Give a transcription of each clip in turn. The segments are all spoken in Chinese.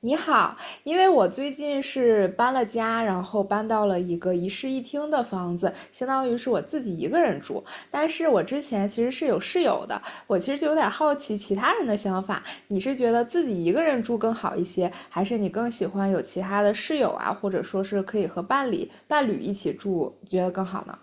你好，因为我最近是搬了家，然后搬到了一个一室一厅的房子，相当于是我自己一个人住。但是我之前其实是有室友的，我其实就有点好奇其他人的想法。你是觉得自己一个人住更好一些，还是你更喜欢有其他的室友啊，或者说是可以和伴侣一起住，觉得更好呢？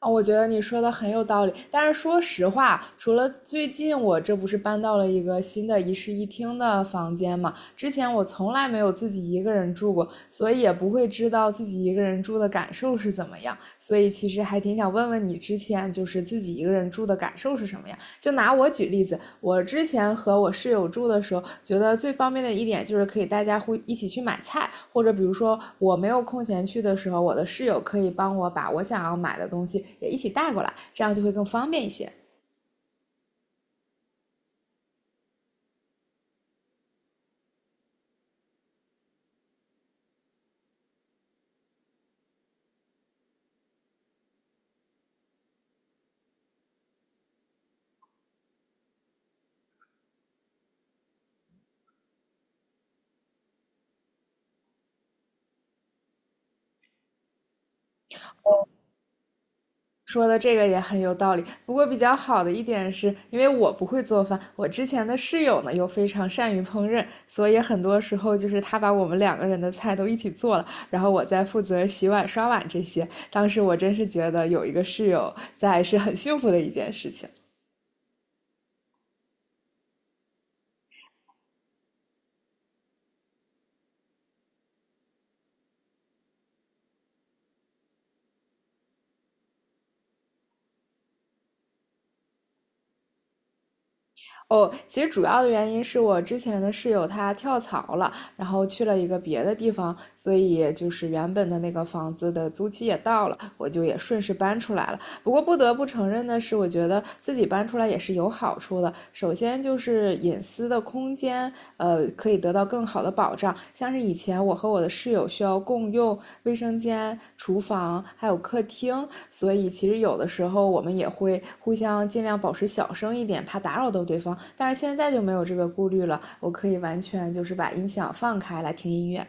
啊，我觉得你说的很有道理。但是说实话，除了最近我这不是搬到了一个新的一室一厅的房间嘛，之前我从来没有自己一个人住过，所以也不会知道自己一个人住的感受是怎么样。所以其实还挺想问问你，之前就是自己一个人住的感受是什么样？就拿我举例子，我之前和我室友住的时候，觉得最方便的一点就是可以大家会一起去买菜，或者比如说我没有空闲去的时候，我的室友可以帮我把我想要买的东西也一起带过来，这样就会更方便一些。哦，说的这个也很有道理，不过比较好的一点是，因为我不会做饭，我之前的室友呢又非常善于烹饪，所以很多时候就是他把我们两个人的菜都一起做了，然后我在负责洗碗、刷碗这些。当时我真是觉得有一个室友在是很幸福的一件事情。哦，其实主要的原因是我之前的室友他跳槽了，然后去了一个别的地方，所以就是原本的那个房子的租期也到了，我就也顺势搬出来了。不过不得不承认的是，我觉得自己搬出来也是有好处的。首先就是隐私的空间，可以得到更好的保障。像是以前我和我的室友需要共用卫生间、厨房还有客厅，所以其实有的时候我们也会互相尽量保持小声一点，怕打扰到对方。但是现在就没有这个顾虑了，我可以完全就是把音响放开来听音乐。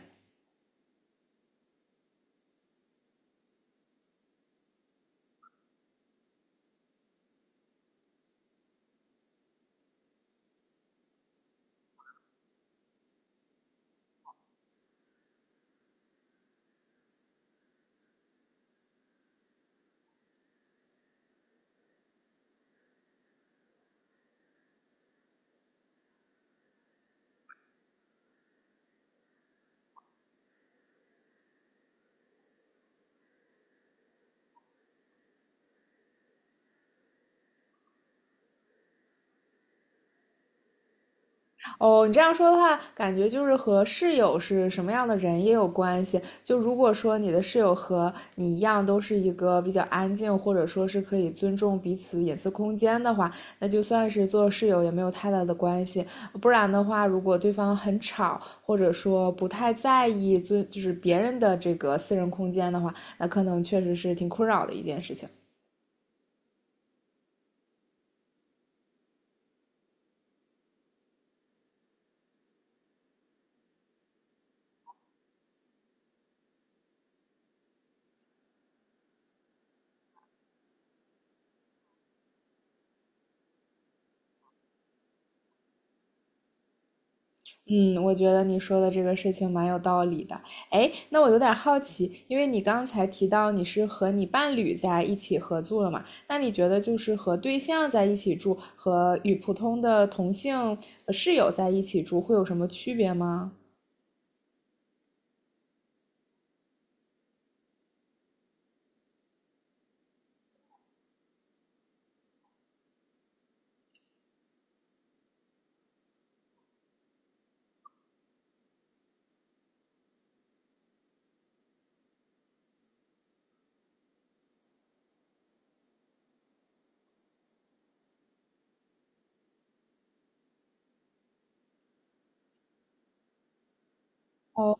哦，你这样说的话，感觉就是和室友是什么样的人也有关系。就如果说你的室友和你一样，都是一个比较安静，或者说是可以尊重彼此隐私空间的话，那就算是做室友也没有太大的关系。不然的话，如果对方很吵，或者说不太在意尊就是别人的这个私人空间的话，那可能确实是挺困扰的一件事情。嗯，我觉得你说的这个事情蛮有道理的。哎，那我有点好奇，因为你刚才提到你是和你伴侣在一起合租了嘛？那你觉得就是和对象在一起住和与普通的同性室友在一起住会有什么区别吗？哦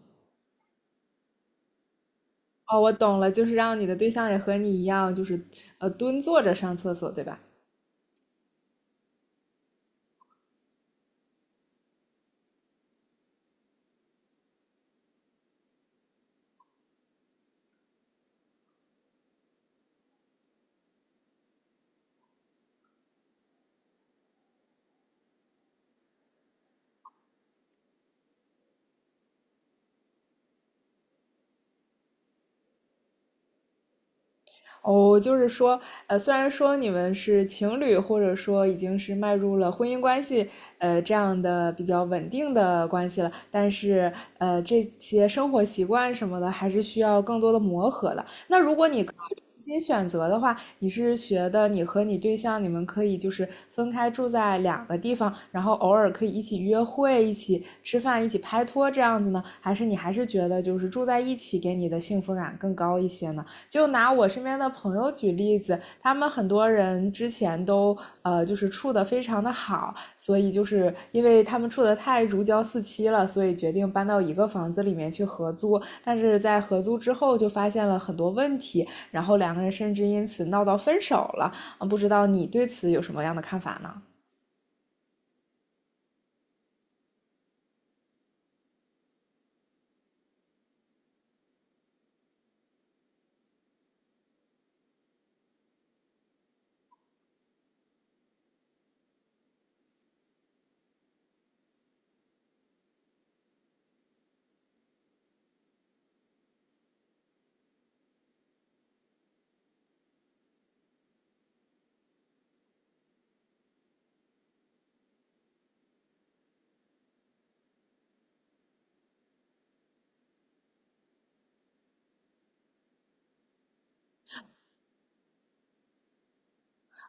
哦，我懂了，就是让你的对象也和你一样，就是蹲坐着上厕所，对吧？哦，就是说，虽然说你们是情侣，或者说已经是迈入了婚姻关系，这样的比较稳定的关系了，但是，这些生活习惯什么的，还是需要更多的磨合的。那如果你可以重新选择的话，你是觉得你和你对象，你们可以就是分开住在两个地方，然后偶尔可以一起约会、一起吃饭、一起拍拖这样子呢？还是你还是觉得就是住在一起给你的幸福感更高一些呢？就拿我身边的朋友举例子，他们很多人之前都就是处的非常的好，所以就是因为他们处的太如胶似漆了，所以决定搬到一个房子里面去合租。但是在合租之后就发现了很多问题，然后两个人甚至因此闹到分手了。啊，不知道你对此有什么样的看法呢？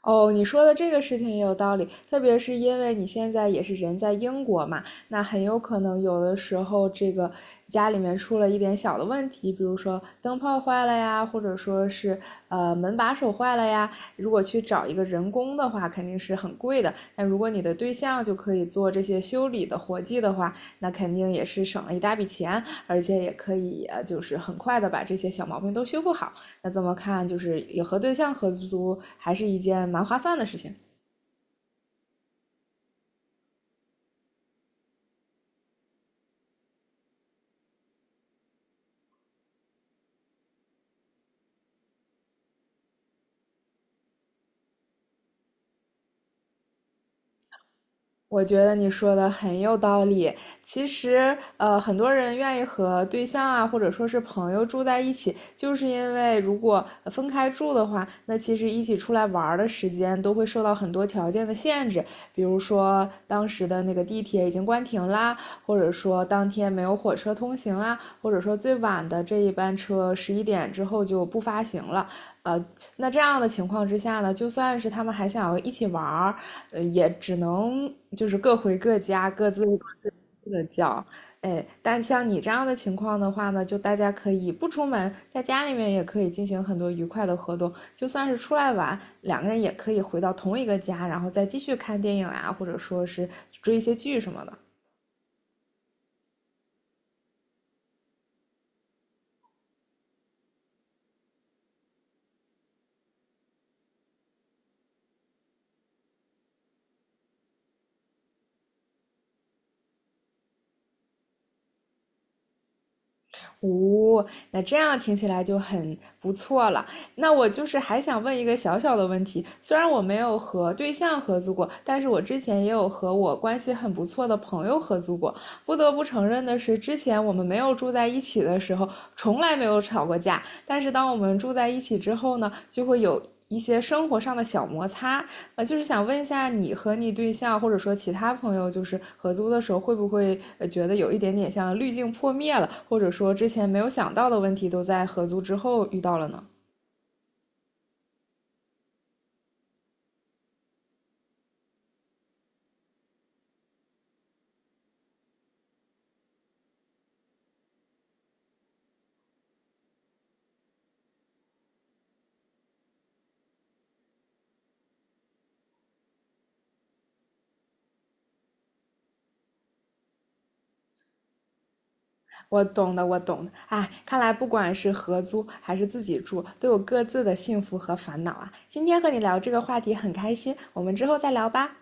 哦，你说的这个事情也有道理，特别是因为你现在也是人在英国嘛，那很有可能有的时候这个家里面出了一点小的问题，比如说灯泡坏了呀，或者说是门把手坏了呀，如果去找一个人工的话，肯定是很贵的。但如果你的对象就可以做这些修理的活计的话，那肯定也是省了一大笔钱，而且也可以就是很快的把这些小毛病都修复好。那这么看，就是也和对象合租还是一件蛮划算的事情。我觉得你说的很有道理。其实，很多人愿意和对象啊，或者说是朋友住在一起，就是因为如果分开住的话，那其实一起出来玩儿的时间都会受到很多条件的限制，比如说当时的那个地铁已经关停啦，或者说当天没有火车通行啊，或者说最晚的这一班车11点之后就不发行了。呃，那这样的情况之下呢，就算是他们还想要一起玩儿，也只能就是各回各家，各自的叫。哎，但像你这样的情况的话呢，就大家可以不出门，在家里面也可以进行很多愉快的活动。就算是出来玩，两个人也可以回到同一个家，然后再继续看电影啊，或者说是追一些剧什么的。哦，那这样听起来就很不错了。那我就是还想问一个小小的问题，虽然我没有和对象合租过，但是我之前也有和我关系很不错的朋友合租过。不得不承认的是，之前我们没有住在一起的时候，从来没有吵过架，但是当我们住在一起之后呢，就会有一些生活上的小摩擦。就是想问一下，你和你对象或者说其他朋友，就是合租的时候，会不会觉得有一点点像滤镜破灭了，或者说之前没有想到的问题，都在合租之后遇到了呢？我懂的，我懂的。哎，看来不管是合租还是自己住，都有各自的幸福和烦恼啊。今天和你聊这个话题很开心，我们之后再聊吧。